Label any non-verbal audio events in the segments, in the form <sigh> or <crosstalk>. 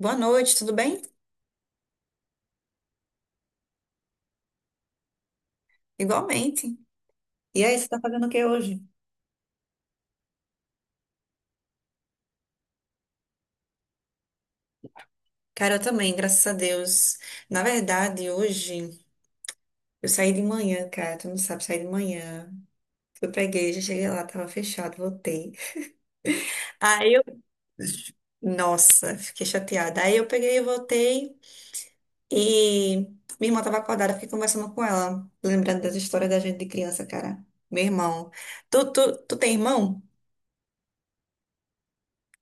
Boa noite, tudo bem? Igualmente. E aí, você tá fazendo o que hoje? Cara, eu também, graças a Deus. Na verdade, hoje eu saí de manhã, cara. Tu não sabe, saí de manhã. Fui pra igreja, cheguei lá, tava fechado, voltei. Aí eu. Nossa, fiquei chateada. Aí eu peguei e voltei. E minha irmã tava acordada, fiquei conversando com ela, lembrando das histórias da gente de criança, cara. Meu irmão. Tu tem irmão?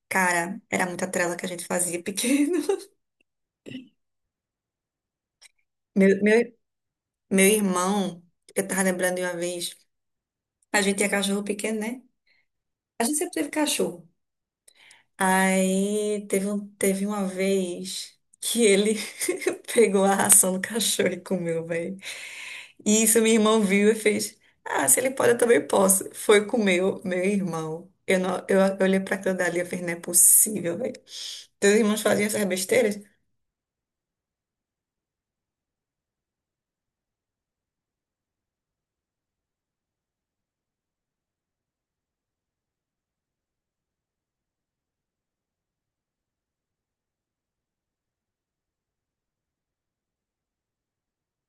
Cara, era muita trela que a gente fazia pequeno. <laughs> Meu, meu Meu irmão, eu tava lembrando de uma vez, a gente tinha cachorro pequeno, né? A gente sempre teve cachorro. Aí teve, teve uma vez que ele <laughs> pegou a ração do cachorro e comeu, velho. E isso meu irmão viu e fez: Ah, se ele pode, eu também posso. Foi comer o meu irmão. Eu, não, eu olhei pra aquilo dali e falei: Não é possível, velho. Teus irmãos faziam essas besteiras?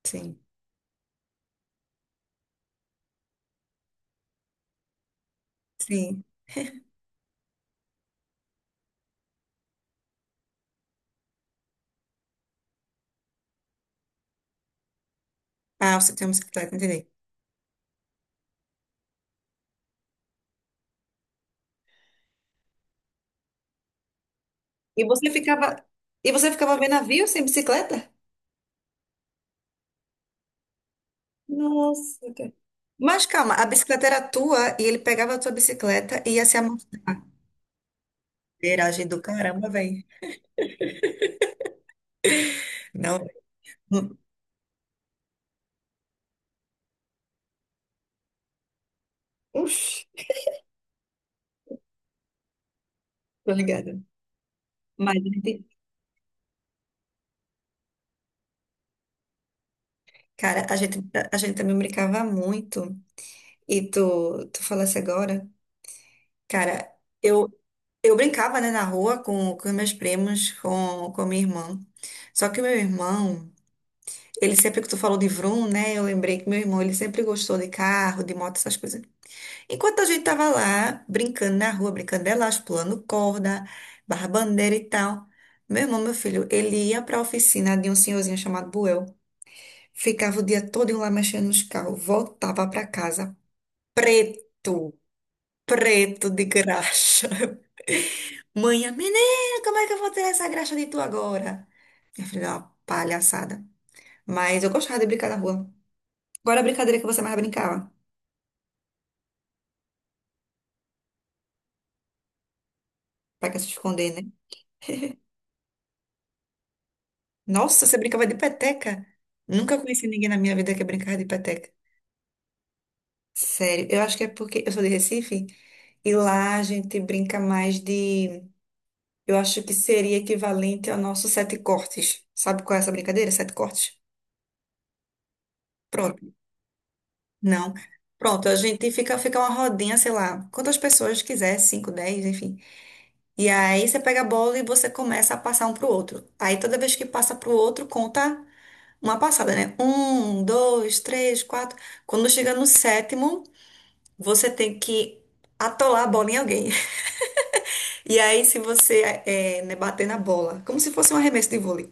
Sim, sim. Ah, você tem uma bicicleta, entendi. E você ficava, e você ficava vendo navio sem bicicleta? Nossa, cara. Mas calma, a bicicleta era tua e ele pegava a tua bicicleta e ia se amostrar. Viragem do caramba, velho. Não. Uf, tô ligada. Mas, a gente- cara, a gente também brincava muito. E tu, tu falasse agora, cara, eu, eu brincava, né, na rua com meus primos, com minha irmã. Só que o meu irmão, ele sempre que tu falou de Vroom, né, eu lembrei que meu irmão, ele sempre gostou de carro, de moto, essas coisas. Enquanto a gente tava lá, brincando na rua, brincando de elástico, pulando corda, barra bandeira e tal, meu irmão, meu filho, ele ia pra oficina de um senhorzinho chamado Buel, ficava o dia todo lá mexendo nos carros, voltava pra casa preto, preto de graxa. <laughs> Mãe, menina, como é que eu vou tirar essa graxa de tu agora? Minha filha, é uma palhaçada. Mas eu gostava de brincar na rua. Agora a brincadeira que você mais brincava? Pra que se esconder, né? Nossa, você brincava de peteca? Nunca conheci ninguém na minha vida que brincava de peteca. Sério, eu acho que é porque eu sou de Recife e lá a gente brinca mais de. Eu acho que seria equivalente ao nosso sete cortes. Sabe qual é essa brincadeira? Sete cortes? Pronto. Não. Pronto, a gente fica uma rodinha, sei lá, quantas pessoas quiser, cinco, dez, enfim. E aí você pega a bola e você começa a passar um pro outro. Aí toda vez que passa pro outro, conta. Uma passada, né? Um, dois, três, quatro. Quando chega no sétimo, você tem que atolar a bola em alguém. <laughs> E aí, se você é, né, bater na bola, como se fosse um arremesso de vôlei,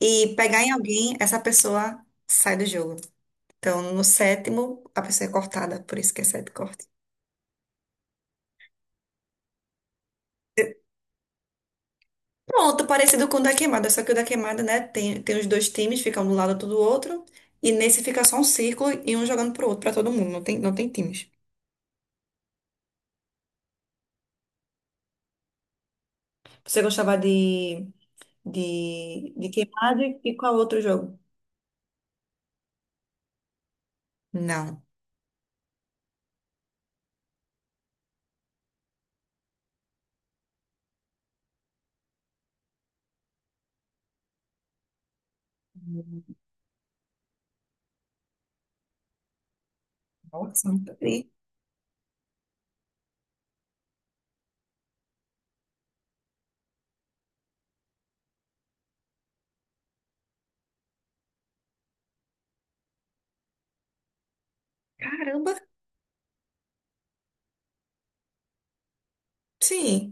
e pegar em alguém, essa pessoa sai do jogo. Então, no sétimo, a pessoa é cortada, por isso que é sete corte. Pronto, parecido com o da queimada, só que o da queimada, né? Tem os dois times, fica um do lado outro do outro. E nesse fica só um círculo e um jogando pro outro, pra todo mundo. Não tem times. Você gostava de de queimado e qual outro jogo? Não. Nossa, não tô aí. Caramba! Sim.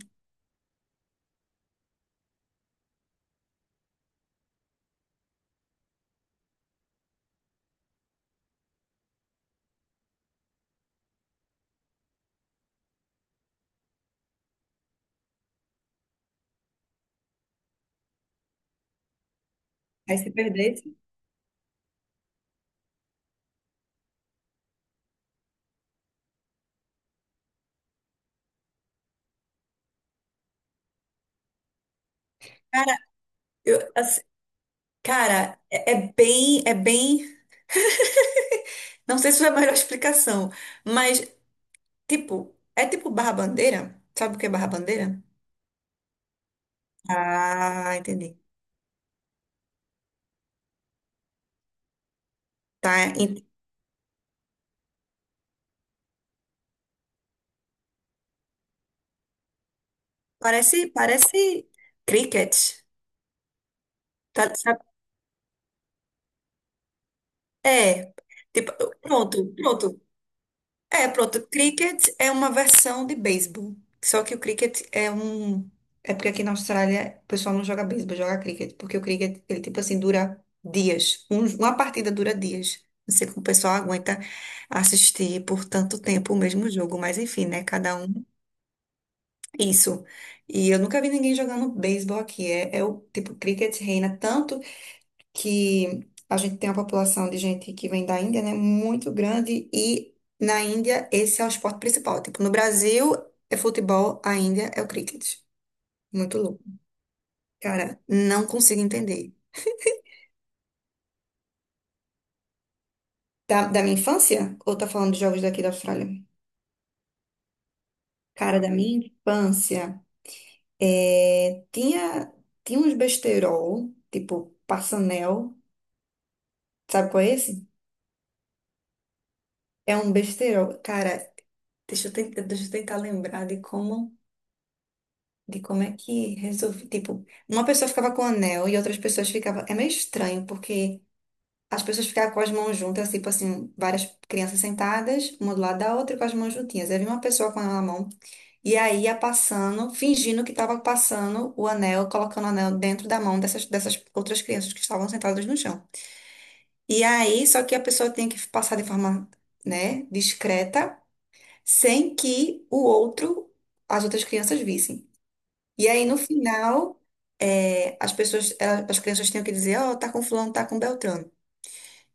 Aí se perdesse. Cara, eu, assim, cara, é bem. Não sei se é a melhor <laughs> explicação, mas, tipo, é tipo barra-bandeira? Sabe o que é barra-bandeira? Ah, entendi. Tá, en- parece cricket. Tá, sabe? É. Tipo, pronto, pronto. É, pronto. Cricket é uma versão de beisebol. Só que o cricket é um. É porque aqui na Austrália o pessoal não joga beisebol, joga cricket. Porque o cricket, ele tipo assim, dura dias. Uma partida dura dias. Não sei como o pessoal aguenta assistir por tanto tempo o mesmo jogo, mas enfim, né? Cada um. Isso. E eu nunca vi ninguém jogando beisebol aqui. É, é o tipo, cricket reina tanto que a gente tem uma população de gente que vem da Índia, né, muito grande e na Índia esse é o esporte principal. Tipo, no Brasil é futebol, a Índia é o cricket. Muito louco. Cara, não consigo entender. Da, da minha infância? Ou tá falando de jogos daqui da Austrália? Cara, da minha infância, é, tinha, tinha uns besterol, tipo passanel. Sabe qual é esse? É um besterol. Cara, deixa eu tentar lembrar de como. De como é que resolvi. Tipo, uma pessoa ficava com o anel e outras pessoas ficavam. É meio estranho, porque as pessoas ficavam com as mãos juntas, tipo assim, várias crianças sentadas, uma do lado da outra, com as mãos juntinhas. Aí vinha uma pessoa com o anel na mão e aí ia passando, fingindo que estava passando o anel, colocando o anel dentro da dessas outras crianças que estavam sentadas no chão. E aí, só que a pessoa tem que passar de forma, né, discreta, sem que o outro, as outras crianças vissem. E aí, no final, é, as crianças tinham que dizer, ó, tá com fulano, tá com Beltrano.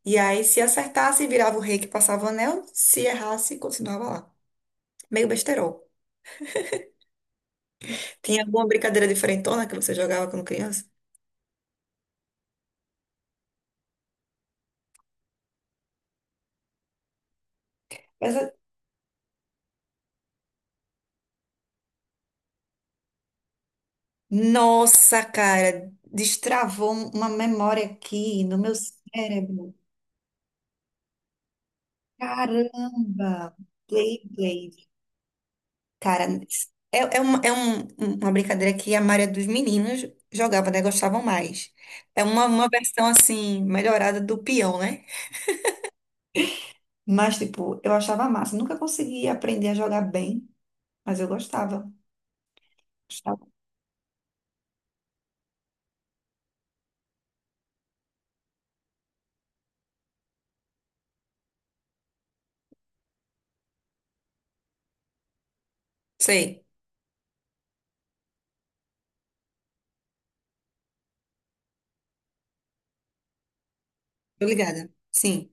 E aí, se acertasse, virava o rei que passava o anel, se errasse, continuava lá. Meio besterol. Tinha alguma brincadeira diferentona que você jogava quando criança? Mas, é- nossa, cara, destravou uma memória aqui no meu cérebro. Caramba! Play, cara, é, é, uma, é um- um, uma brincadeira que a maioria dos meninos jogava, né? Gostavam mais. É uma versão, assim, melhorada do peão, né? Mas, tipo, eu achava massa. Nunca consegui aprender a jogar bem, mas eu gostava. Gostava. Sei, tô ligada. Sim.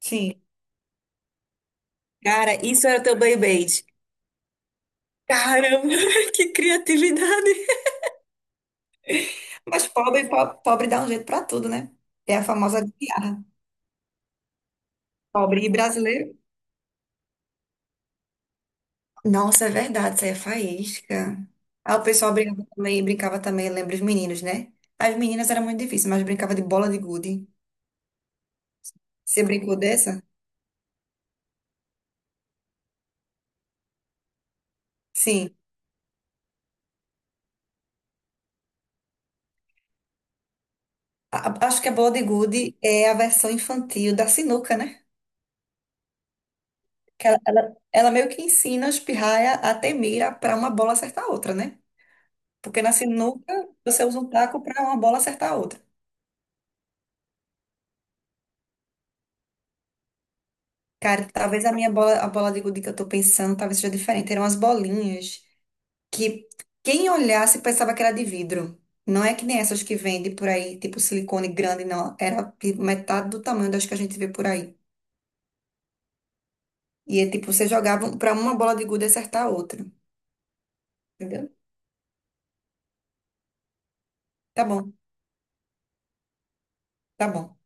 Sim. Cara, isso era teu Beyblade. Caramba, <laughs> que criatividade. Mas pobre, pobre, dá um jeito pra tudo, né? É a famosa gambiarra. Pobre e brasileiro. Nossa, é verdade, saía faísca. Aí o pessoal brincava também, lembra os meninos, né? As meninas era muito difícil, mas brincava de bola de gude. Você brincou dessa? Sim. Acho que a bola de gude é a versão infantil da sinuca, né? Que ela meio que ensina os pirraia a ter mira para uma bola acertar a outra, né? Porque na sinuca você usa um taco para uma bola acertar a outra. Cara, talvez a minha bola, a bola de gude que eu tô pensando, talvez seja diferente. Eram as bolinhas. Que quem olhasse pensava que era de vidro. Não é que nem essas que vendem por aí, tipo silicone grande, não. Era tipo, metade do tamanho das que a gente vê por aí. E é tipo, você jogava pra uma bola de gude acertar a outra. Entendeu? Tá bom, tá bom.